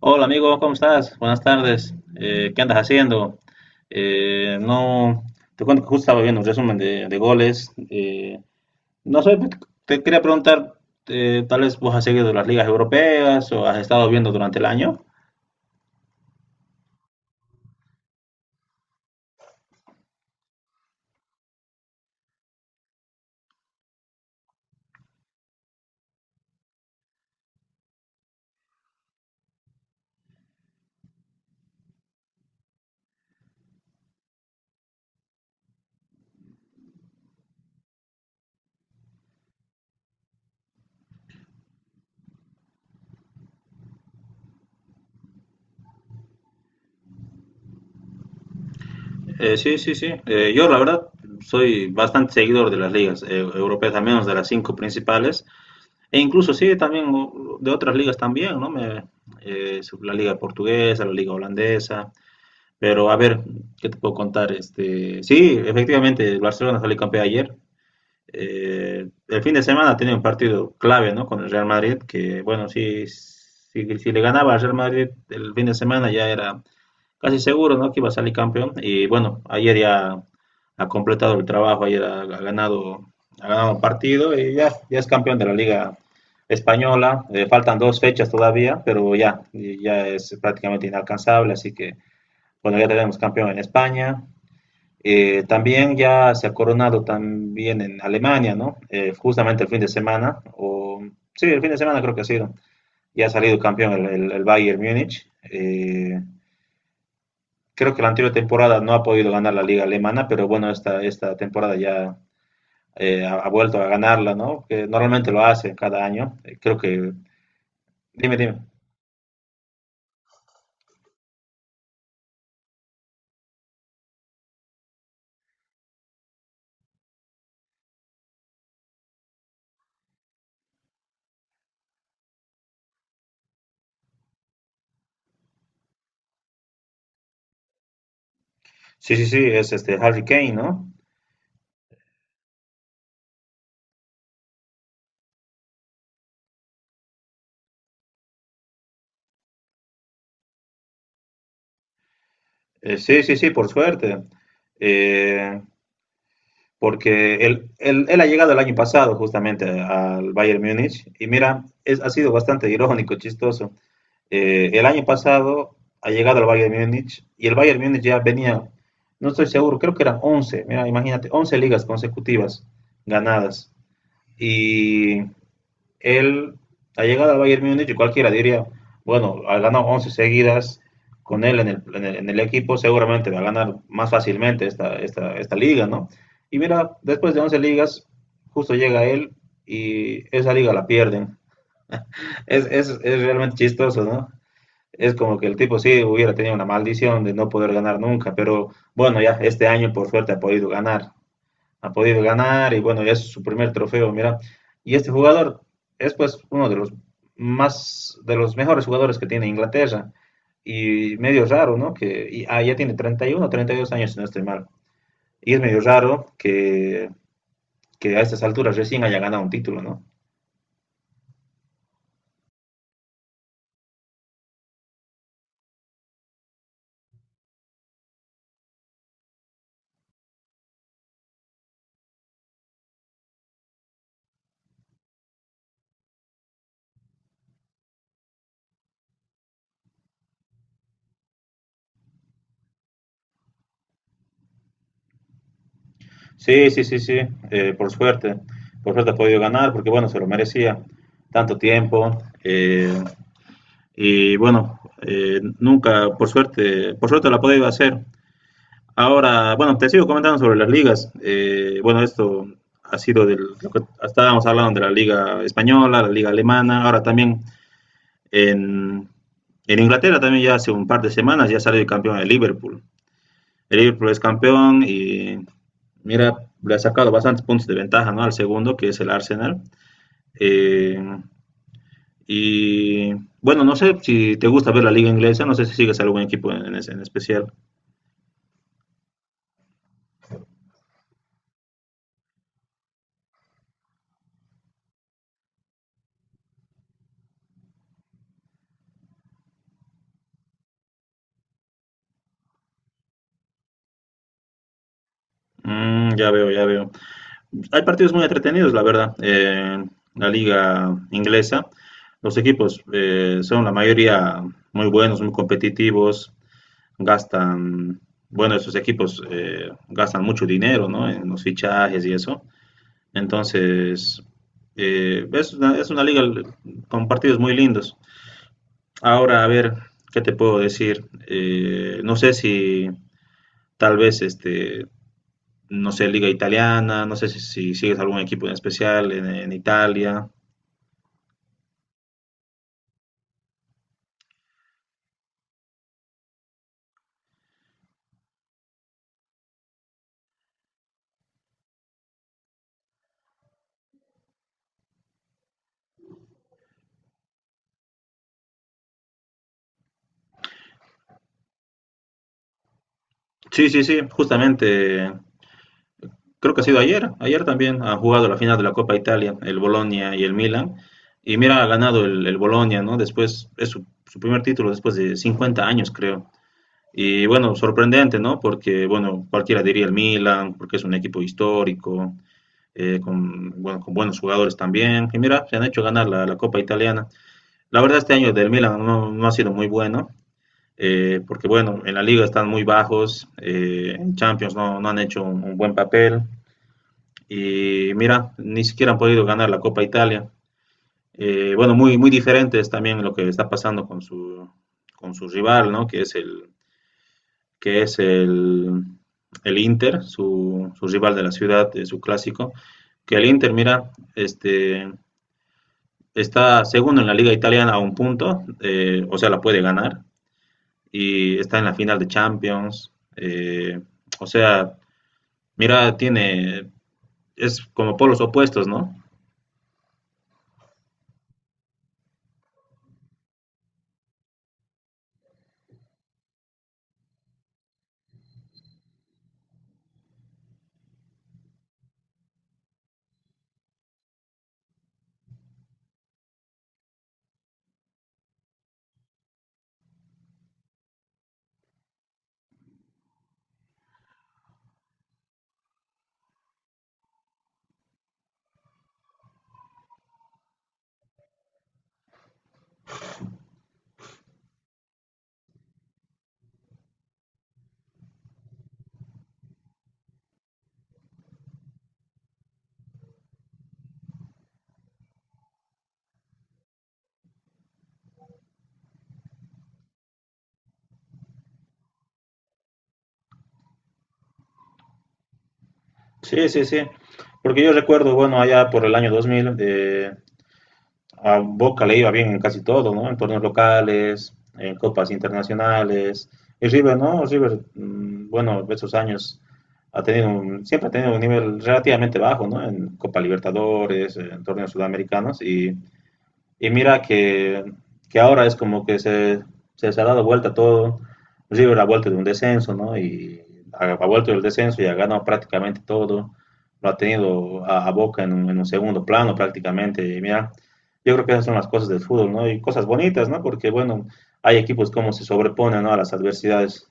Hola amigo, ¿cómo estás? Buenas tardes. ¿Qué andas haciendo? No, te cuento que justo estaba viendo un resumen de goles. No sé, te quería preguntar, tal vez vos has seguido las ligas europeas o has estado viendo durante el año. Sí. Yo la verdad soy bastante seguidor de las ligas europeas, al menos de las 5 principales, e incluso sí, también de otras ligas también, ¿no? La liga portuguesa, la liga holandesa. Pero a ver, ¿qué te puedo contar? Este, sí, efectivamente, el Barcelona salió campeón ayer. El fin de semana tiene un partido clave, ¿no? Con el Real Madrid, que bueno, si le ganaba al Real Madrid el fin de semana ya era casi seguro, ¿no? Que iba a salir campeón. Y bueno, ayer ya ha completado el trabajo, ayer ha ganado, ha ganado un partido y ya es campeón de la Liga Española. Faltan 2 fechas todavía, pero ya es prácticamente inalcanzable, así que bueno, ya tenemos campeón en España. También ya se ha coronado también en Alemania, ¿no? Justamente el fin de semana, o sí, el fin de semana creo que ha sido. Ya ha salido campeón el Bayern Múnich. Creo que la anterior temporada no ha podido ganar la liga alemana, pero bueno, esta temporada ya ha vuelto a ganarla, ¿no? Que normalmente lo hace cada año. Creo que... Dime, dime. Sí, sí, sí, es este Harry Kane, ¿no? Sí, sí, sí, por suerte. Eh, Porque él ha llegado el año pasado justamente al Bayern Múnich y mira, ha sido bastante irónico, chistoso. El año pasado ha llegado al Bayern Múnich y el Bayern Múnich ya venía, no estoy seguro, creo que eran 11 mira, imagínate, 11 ligas consecutivas ganadas. Y él, ha llegado al Bayern Múnich, y cualquiera diría, bueno, ha ganado 11 seguidas con él en el equipo, seguramente va a ganar más fácilmente esta liga, ¿no? Y mira, después de 11 ligas, justo llega él y esa liga la pierden. Es realmente chistoso, ¿no? Es como que el tipo sí hubiera tenido una maldición de no poder ganar nunca, pero bueno, ya este año por suerte ha podido ganar y bueno, ya es su primer trofeo, mira. Y este jugador es pues uno de los más, de los mejores jugadores que tiene Inglaterra y medio raro, ¿no? Ya tiene treinta y uno treinta y dos años, si no estoy mal. Y es medio raro que a estas alturas recién haya ganado un título, ¿no? Sí, sí, sí, sí, por suerte. Por suerte ha podido ganar porque, bueno, se lo merecía tanto tiempo. eh, y bueno, nunca, por suerte lo ha podido hacer. Ahora, bueno, te sigo comentando sobre las ligas. Bueno, esto ha sido del, lo que estábamos hablando de la liga española, la liga alemana, ahora también en, en Inglaterra también ya hace un par de semanas ya salió el campeón de Liverpool. El Liverpool es campeón y mira, le ha sacado bastantes puntos de ventaja, ¿no? Al segundo, que es el Arsenal. Eh, y bueno, no sé si te gusta ver la liga inglesa, no sé si sigues algún equipo en especial. Mm, ya veo, ya veo. Hay partidos muy entretenidos, la verdad. La liga inglesa, los equipos son la mayoría muy buenos, muy competitivos, gastan, bueno, esos equipos gastan mucho dinero, ¿no? En los fichajes y eso. Entonces, es una liga con partidos muy lindos. Ahora, a ver, ¿qué te puedo decir? No sé si tal vez este no sé, liga italiana, no sé si sigues algún equipo en especial en Italia. Sí, sí, sí, justamente, creo que ha sido ayer, ayer también ha jugado la final de la Copa Italia, el Bolonia y el Milan. Y mira, ha ganado el Bolonia, ¿no? Después, es su primer título después de 50 años, creo. Y bueno, sorprendente, ¿no? Porque, bueno, cualquiera diría el Milan, porque es un equipo histórico, con, bueno, con buenos jugadores también. Y mira, se han hecho ganar la Copa Italiana. La verdad, este año del Milan no ha sido muy bueno. Porque bueno, en la liga están muy bajos, en Champions no han hecho un buen papel y mira, ni siquiera han podido ganar la Copa Italia. Bueno, muy diferente es también lo que está pasando con su rival, ¿no? Que es el, el Inter, su rival de la ciudad, su clásico. Que el Inter, mira, este, está segundo en la liga italiana a un punto, o sea, la puede ganar, y está en la final de Champions. O sea, mira, tiene, es como polos opuestos, ¿no? Sí, sí, sí. Porque yo recuerdo, bueno, allá por el año 2000, a Boca le iba bien en casi todo, ¿no? En torneos locales, en copas internacionales. Y River, ¿no? River, mm, bueno, esos años siempre ha tenido un nivel relativamente bajo, ¿no? En Copa Libertadores, en torneos sudamericanos y mira que ahora es como que se ha dado vuelta todo. El River ha vuelto de un descenso, ¿no? Y ha vuelto del descenso y ha ganado prácticamente todo. Lo ha tenido a Boca en un segundo plano prácticamente. Y mira, yo creo que esas son las cosas del fútbol, ¿no? Y cosas bonitas, ¿no? Porque, bueno, hay equipos como se sobreponen, ¿no? A las adversidades.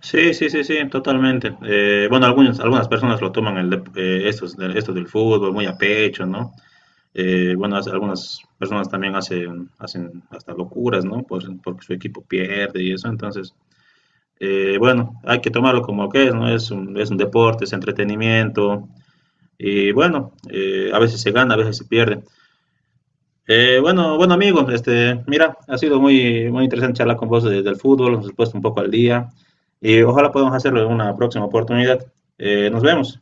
Sí, sí, sí, sí, totalmente. Bueno, algunas personas lo toman estos, estos del fútbol muy a pecho, ¿no? Bueno, algunas personas también hacen, hacen hasta locuras, ¿no? Porque su equipo pierde y eso. Entonces, bueno, hay que tomarlo como que es, ¿no? Es es un deporte, es entretenimiento. Y bueno, a veces se gana, a veces se pierde. Bueno, bueno, amigos este, mira, ha sido muy, muy interesante charlar con vos del fútbol, nos has puesto un poco al día. Y ojalá podamos hacerlo en una próxima oportunidad. Nos vemos.